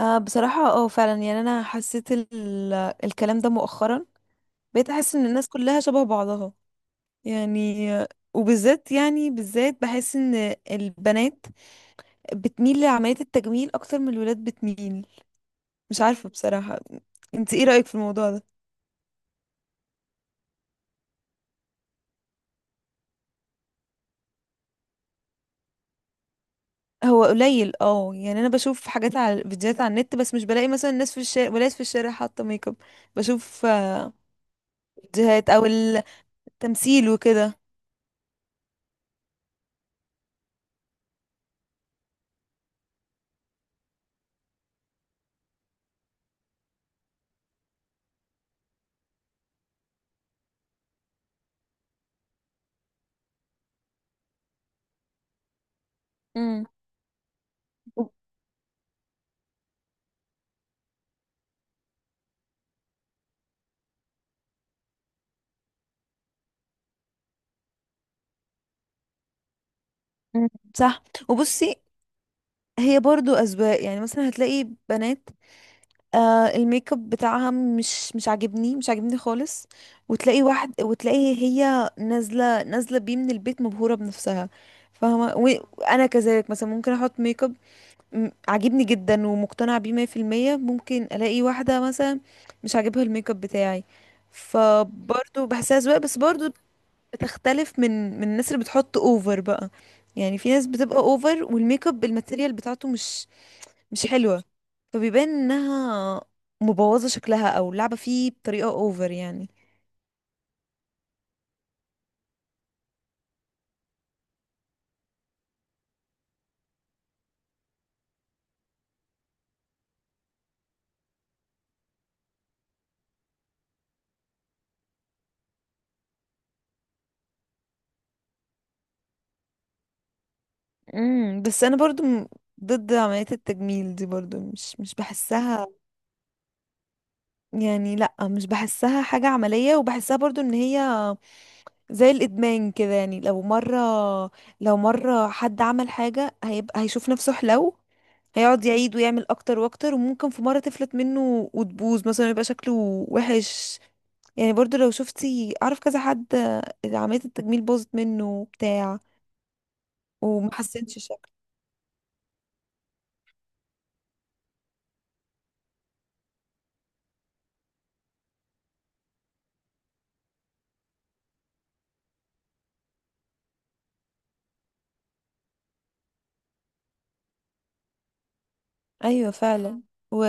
بصراحة، فعلا يعني انا حسيت الكلام ده مؤخرا. بقيت احس ان الناس كلها شبه بعضها، يعني. وبالذات، يعني بحس ان البنات بتميل لعملية التجميل اكتر من الولاد بتميل. مش عارفة بصراحة. انت ايه رأيك في الموضوع ده؟ هو قليل، يعني انا بشوف حاجات على فيديوهات على النت، بس مش بلاقي مثلا الناس في الشارع، ولاد في الشارع حاطة ميك اب. بشوف، فيديوهات او التمثيل وكده. امم، صح. وبصي، هي برضو أذواق. يعني مثلا هتلاقي بنات الميك اب بتاعها مش عاجبني، مش عاجبني خالص. وتلاقي واحد، وتلاقي هي نازلة نازلة بيه من البيت، مبهورة بنفسها. فاهمة؟ وأنا كذلك، مثلا ممكن أحط ميك اب عاجبني جدا ومقتنعة بيه 100%. ممكن ألاقي واحدة مثلا مش عاجبها الميك اب بتاعي، فبرضو بحسها أذواق. بس برضو بتختلف من الناس اللي بتحط اوفر بقى. يعني في ناس بتبقى اوفر والميك اب الماتيريال بتاعته مش حلوة. فبيبان انها مبوظة شكلها او لعبة فيه بطريقة اوفر يعني. امم. بس انا برضو ضد عملية التجميل دي، برضو مش بحسها. يعني لا، مش بحسها حاجة عملية، وبحسها برضو ان هي زي الادمان كده. يعني لو مرة حد عمل حاجة، هيبقى هيشوف نفسه حلو، هيقعد يعيد ويعمل اكتر واكتر، وممكن في مرة تفلت منه وتبوظ مثلا، يبقى شكله وحش. يعني برضو لو شفتي، اعرف كذا حد اللي عملية التجميل باظت منه وبتاع وما حسنش شكله. ايوه، فعلا. و...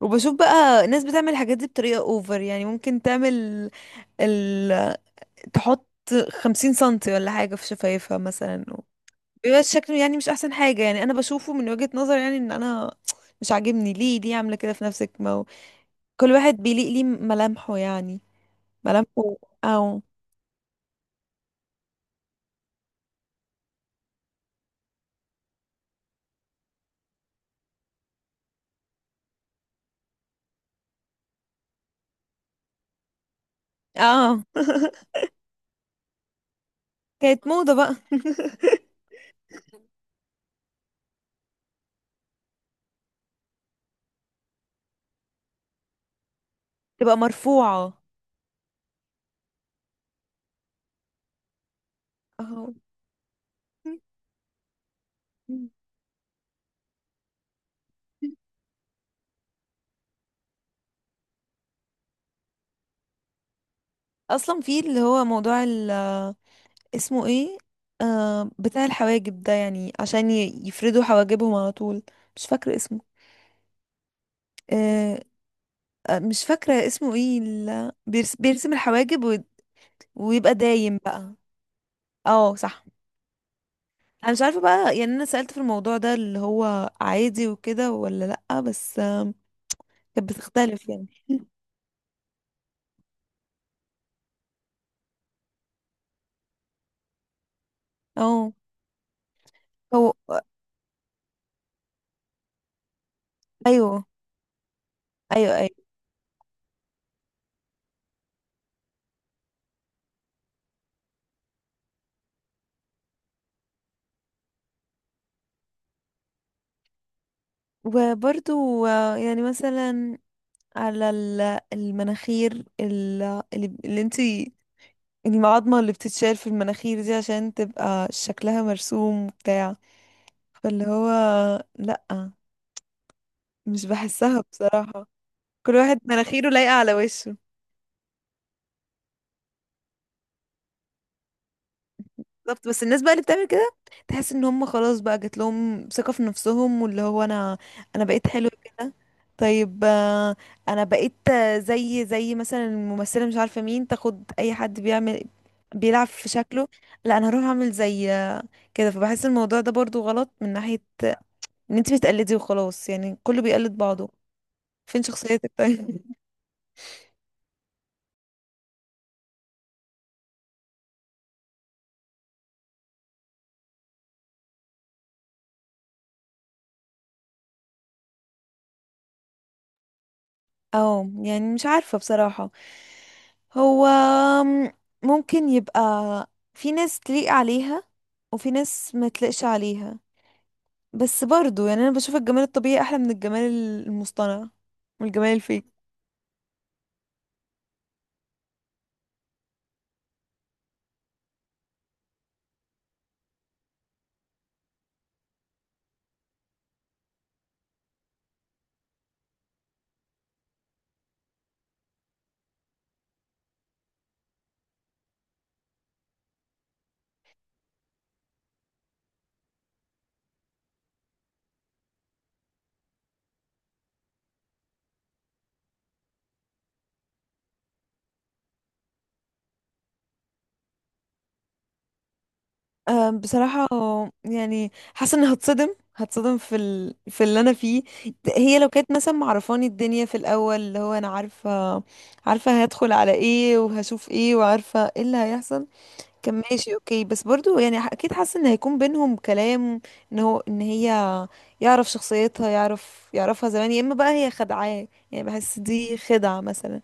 وبشوف بقى الناس بتعمل الحاجات دي بطريقة اوفر. يعني ممكن تعمل ال... تحط 50 سنتي ولا حاجة في شفايفها مثلا، بيبقى شكله يعني مش احسن حاجة. يعني انا بشوفه من وجهة نظر، يعني ان انا مش عاجبني. ليه؟ ليه عاملة كده في نفسك؟ ما هو كل واحد بيليق ليه ملامحه، يعني ملامحه، او اه كانت موضة بقى. تبقى مرفوعة. اه، اصلا في اللي هو موضوع اسمه ايه، بتاع الحواجب ده، يعني عشان يفردوا حواجبهم على طول، مش فاكرة اسمه. آه مش فاكرة اسمه ايه، بيرسم الحواجب ويبقى دايم بقى. اه، صح. انا مش عارفة بقى، يعني انا سألت في الموضوع ده اللي هو عادي وكده ولا لأ، بس كانت بتختلف يعني. اه، هو ايوه، ايوه، ايوه. وبرضو يعني مثلا على المناخير، ال- اللي انتي، المعضمة اللي بتتشال في المناخير دي عشان تبقى شكلها مرسوم وبتاع. فاللي هو لأ، مش بحسها بصراحة. كل واحد مناخيره لايقة على وشه. بالظبط، بس الناس بقى اللي بتعمل كده تحس ان هم خلاص بقى جات لهم ثقة في نفسهم، واللي هو انا بقيت حلوة كده، طيب. انا بقيت زي مثلا الممثلة مش عارفة مين، تاخد اي حد بيعمل بيلعب في شكله، لا انا هروح اعمل زي كده. فبحس الموضوع ده برضو غلط من ناحية ان انت بتقلدي وخلاص، يعني كله بيقلد بعضه. فين شخصيتك طيب؟ اه، يعني مش عارفة بصراحة. هو ممكن يبقى في ناس تليق عليها وفي ناس ما تليقش عليها. بس برضو يعني انا بشوف الجمال الطبيعي احلى من الجمال المصطنع، والجمال الفيك. بصراحة، يعني حاسة اني هتصدم في في اللي انا فيه. هي لو كانت مثلا معرفاني الدنيا في الاول، اللي هو انا عارفة، عارفة هدخل على ايه وهشوف ايه وعارفة ايه اللي هيحصل، كان ماشي اوكي. بس برضو يعني اكيد حاسه ان هيكون بينهم كلام، ان هي يعرف شخصيتها، يعرفها زمان. يا اما بقى هي خدعاه، يعني بحس دي خدعه مثلا.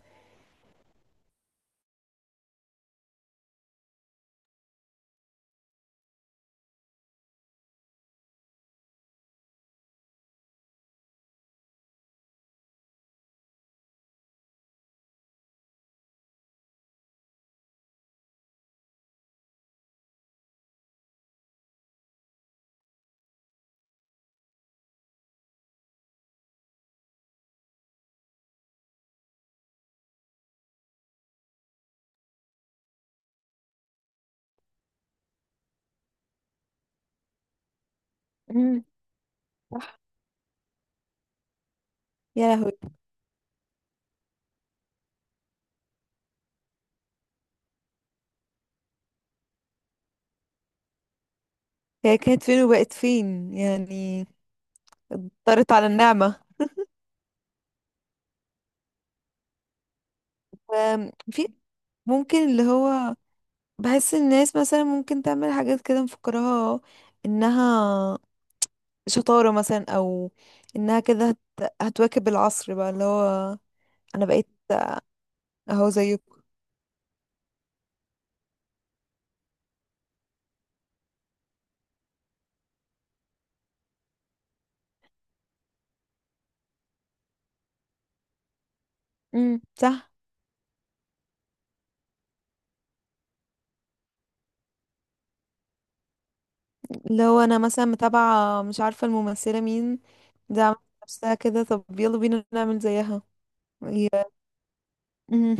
امم، صح. يا لهوي! هي كانت فين وبقت فين يعني؟ اضطرت على النعمه. في ممكن اللي هو بحس الناس مثلا ممكن تعمل حاجات كده مفكراها انها شطارة مثلا، او انها كده هتواكب العصر بقى، اللي هو انا بقيت اهو زيكم. امم، صح. لو انا مثلا متابعة مش عارفة الممثلة مين دي، عملت نفسها كده، طب يلا بينا نعمل زيها. هي، مم.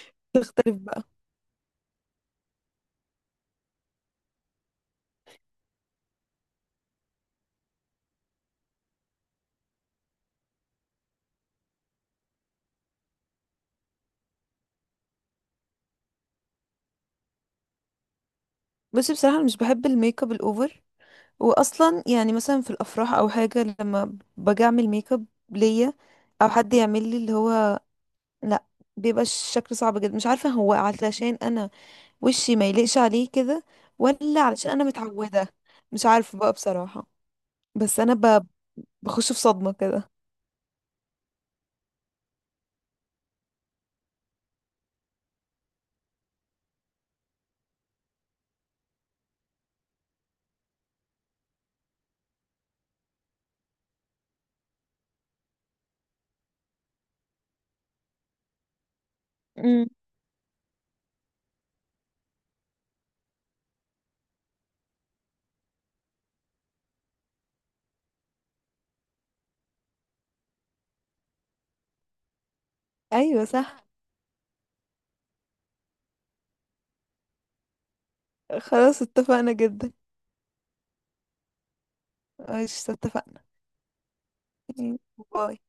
تختلف بقى. بصي، بصراحة أنا مش بحب الميك اب الاوفر. واصلا يعني مثلا في الافراح او حاجة، لما باجي اعمل ميك اب ليا او حد يعمل لي اللي هو، لا، بيبقى الشكل صعب جدا. مش عارفة، هو علشان انا وشي ما يليقش عليه كده، ولا علشان انا متعودة، مش عارفة بقى بصراحة. بس انا بخش في صدمة كده. مم. ايوه، صح. خلاص، اتفقنا جدا. ماشي، اتفقنا. باي.